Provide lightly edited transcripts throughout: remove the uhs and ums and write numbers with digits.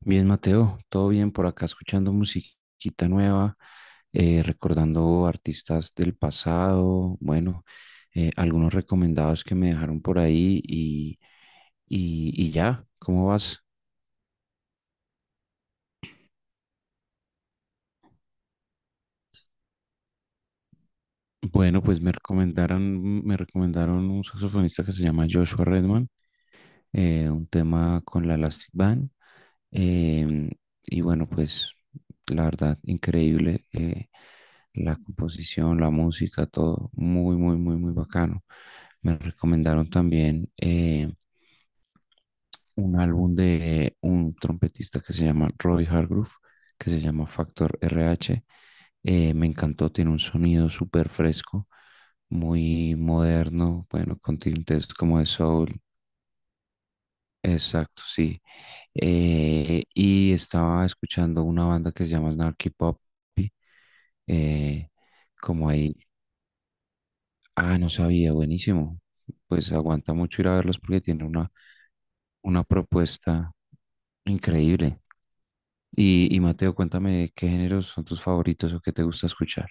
Bien, Mateo, todo bien por acá, escuchando musiquita nueva, recordando artistas del pasado, bueno, algunos recomendados que me dejaron por ahí y ya, ¿cómo vas? Bueno, pues me recomendaron un saxofonista que se llama Joshua Redman, un tema con la Elastic Band. Em, y bueno, pues la verdad, increíble. La composición, la música, todo muy, muy, muy, muy bacano. Me recomendaron también un álbum de un trompetista que se llama Roy Hargrove, que se llama Factor RH. Me encantó, tiene un sonido súper fresco, muy moderno, bueno, con tintes como de soul. Exacto, sí. Y estaba escuchando una banda que se llama Snarky Puppy. eh, Como ahí, ah, no sabía, buenísimo. Pues aguanta mucho ir a verlos porque tiene una propuesta increíble. Y Mateo, cuéntame qué géneros son tus favoritos o qué te gusta escuchar.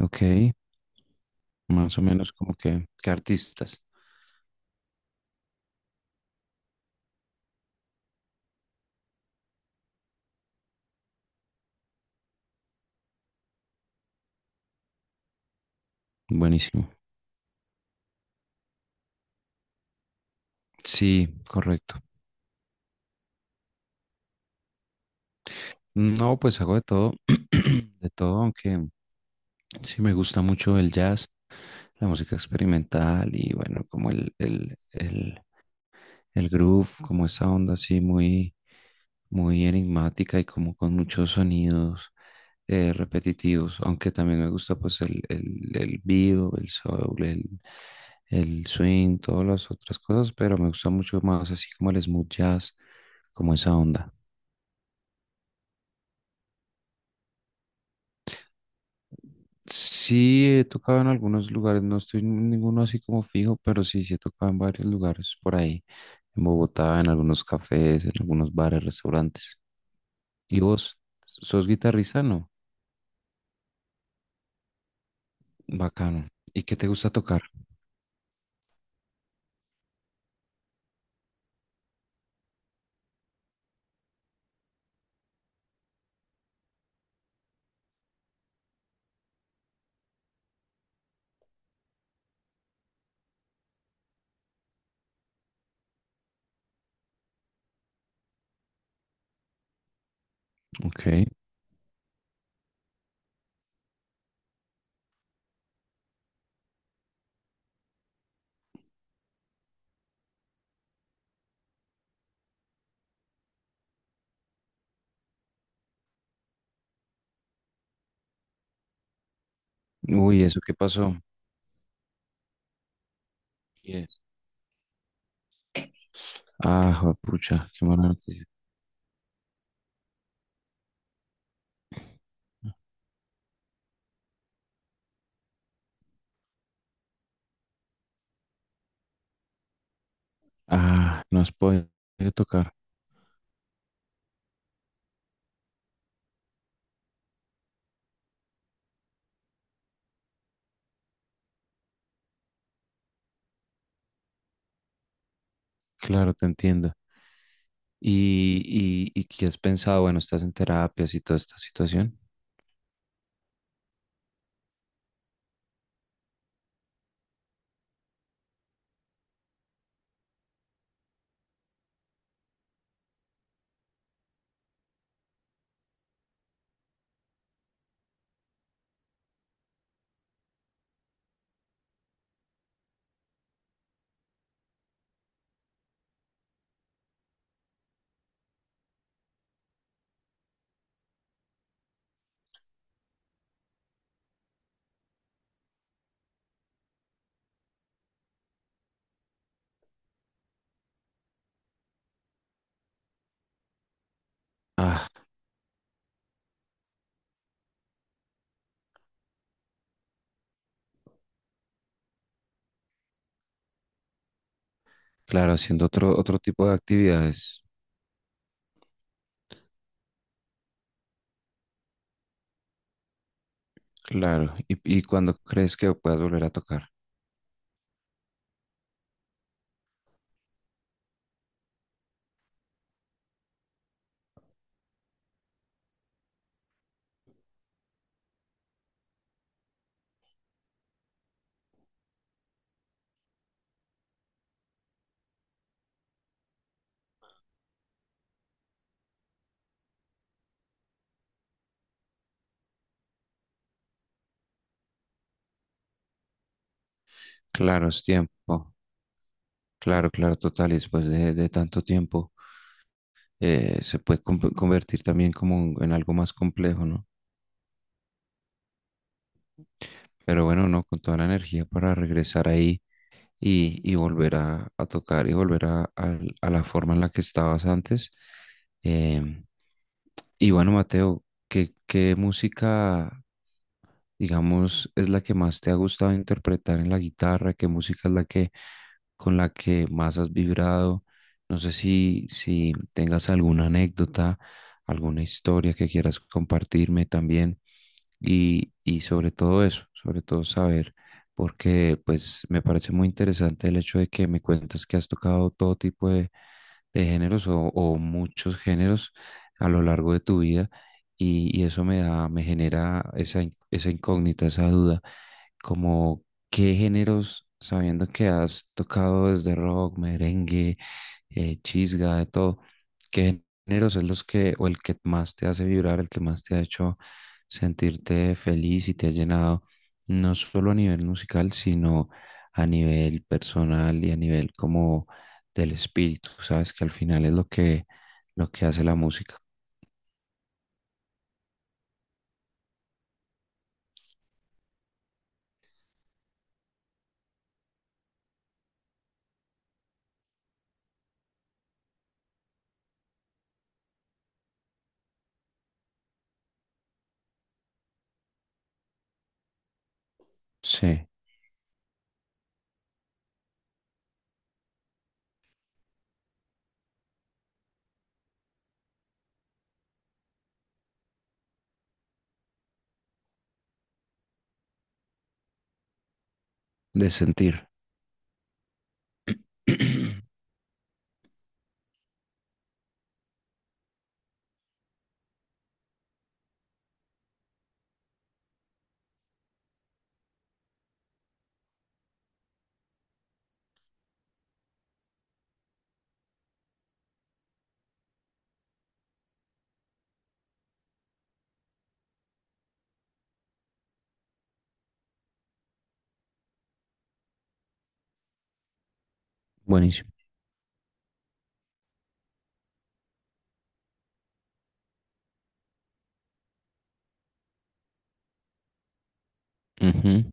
Ok, más o menos como que, qué artistas. Buenísimo. Sí, correcto. No, pues hago de todo, de todo, aunque sí, me gusta mucho el jazz, la música experimental y bueno, como el groove, como esa onda así muy, muy enigmática y como con muchos sonidos repetitivos, aunque también me gusta pues el vivo, el soul, el swing, todas las otras cosas, pero me gusta mucho más así como el smooth jazz, como esa onda. Sí, he tocado en algunos lugares, no estoy en ninguno así como fijo, pero sí, sí he tocado en varios lugares por ahí, en Bogotá, en algunos cafés, en algunos bares, restaurantes. ¿Y vos? ¿Sos guitarrista? No. Bacano. ¿Y qué te gusta tocar? Ok. Uy, ¿eso qué pasó? ¿Qué? Ah, juepucha, qué mala noticia. Ah, no has podido tocar. Claro, te entiendo. ¿Y, y qué has pensado? Bueno, estás en terapias y toda esta situación. Ah, claro, haciendo otro, otro tipo de actividades. Claro. Y cuándo crees que puedas volver a tocar? Claro, es tiempo. Claro, claro, total. Y después de tanto tiempo, se puede convertir también como en algo más complejo, ¿no? Pero bueno, no, con toda la energía para regresar ahí y volver a tocar y volver a, a la forma en la que estabas antes. Em, y bueno, Mateo, ¿qué, qué música, digamos, es la que más te ha gustado interpretar en la guitarra? ¿Qué música es la que con la que más has vibrado? No sé si, si tengas alguna anécdota, alguna historia que quieras compartirme también y sobre todo eso, sobre todo saber, porque pues me parece muy interesante el hecho de que me cuentas que has tocado todo tipo de géneros o muchos géneros a lo largo de tu vida y eso me da, me genera esa, esa incógnita, esa duda, como qué géneros, sabiendo que has tocado desde rock, merengue, chisga, de todo, qué géneros es los que o el que más te hace vibrar, el que más te ha hecho sentirte feliz y te ha llenado, no solo a nivel musical, sino a nivel personal y a nivel como del espíritu, ¿sabes? Que al final es lo que hace la música. Sí, de sentir. Buenísimo. Ujú.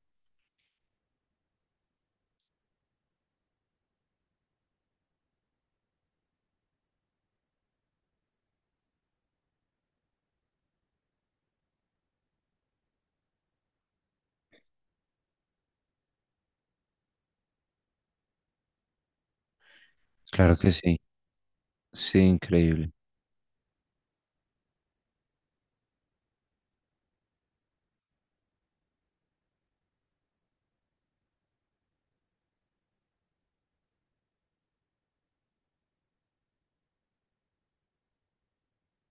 Claro que sí. Sí, increíble.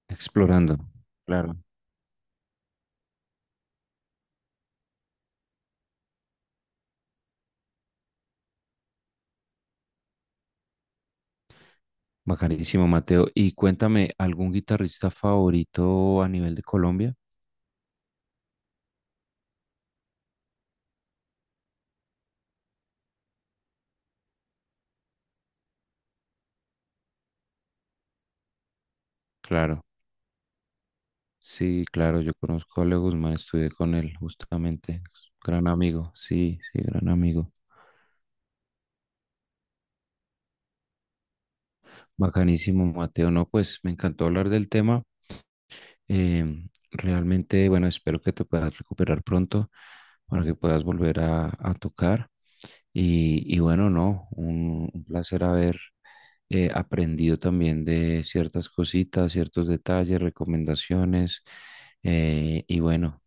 Explorando. Claro. Bacanísimo, Mateo. Y cuéntame, ¿algún guitarrista favorito a nivel de Colombia? Claro. Sí, claro, yo conozco a Leo Guzmán, estudié con él justamente. Gran amigo, sí, sí, gran amigo. Bacanísimo, Mateo. No, pues me encantó hablar del tema. Realmente, bueno, espero que te puedas recuperar pronto para que puedas volver a tocar. Y bueno, no, un placer haber aprendido también de ciertas cositas, ciertos detalles, recomendaciones. Y bueno,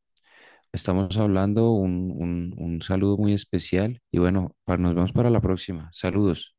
estamos hablando un saludo muy especial. Y bueno, nos vemos para la próxima. Saludos.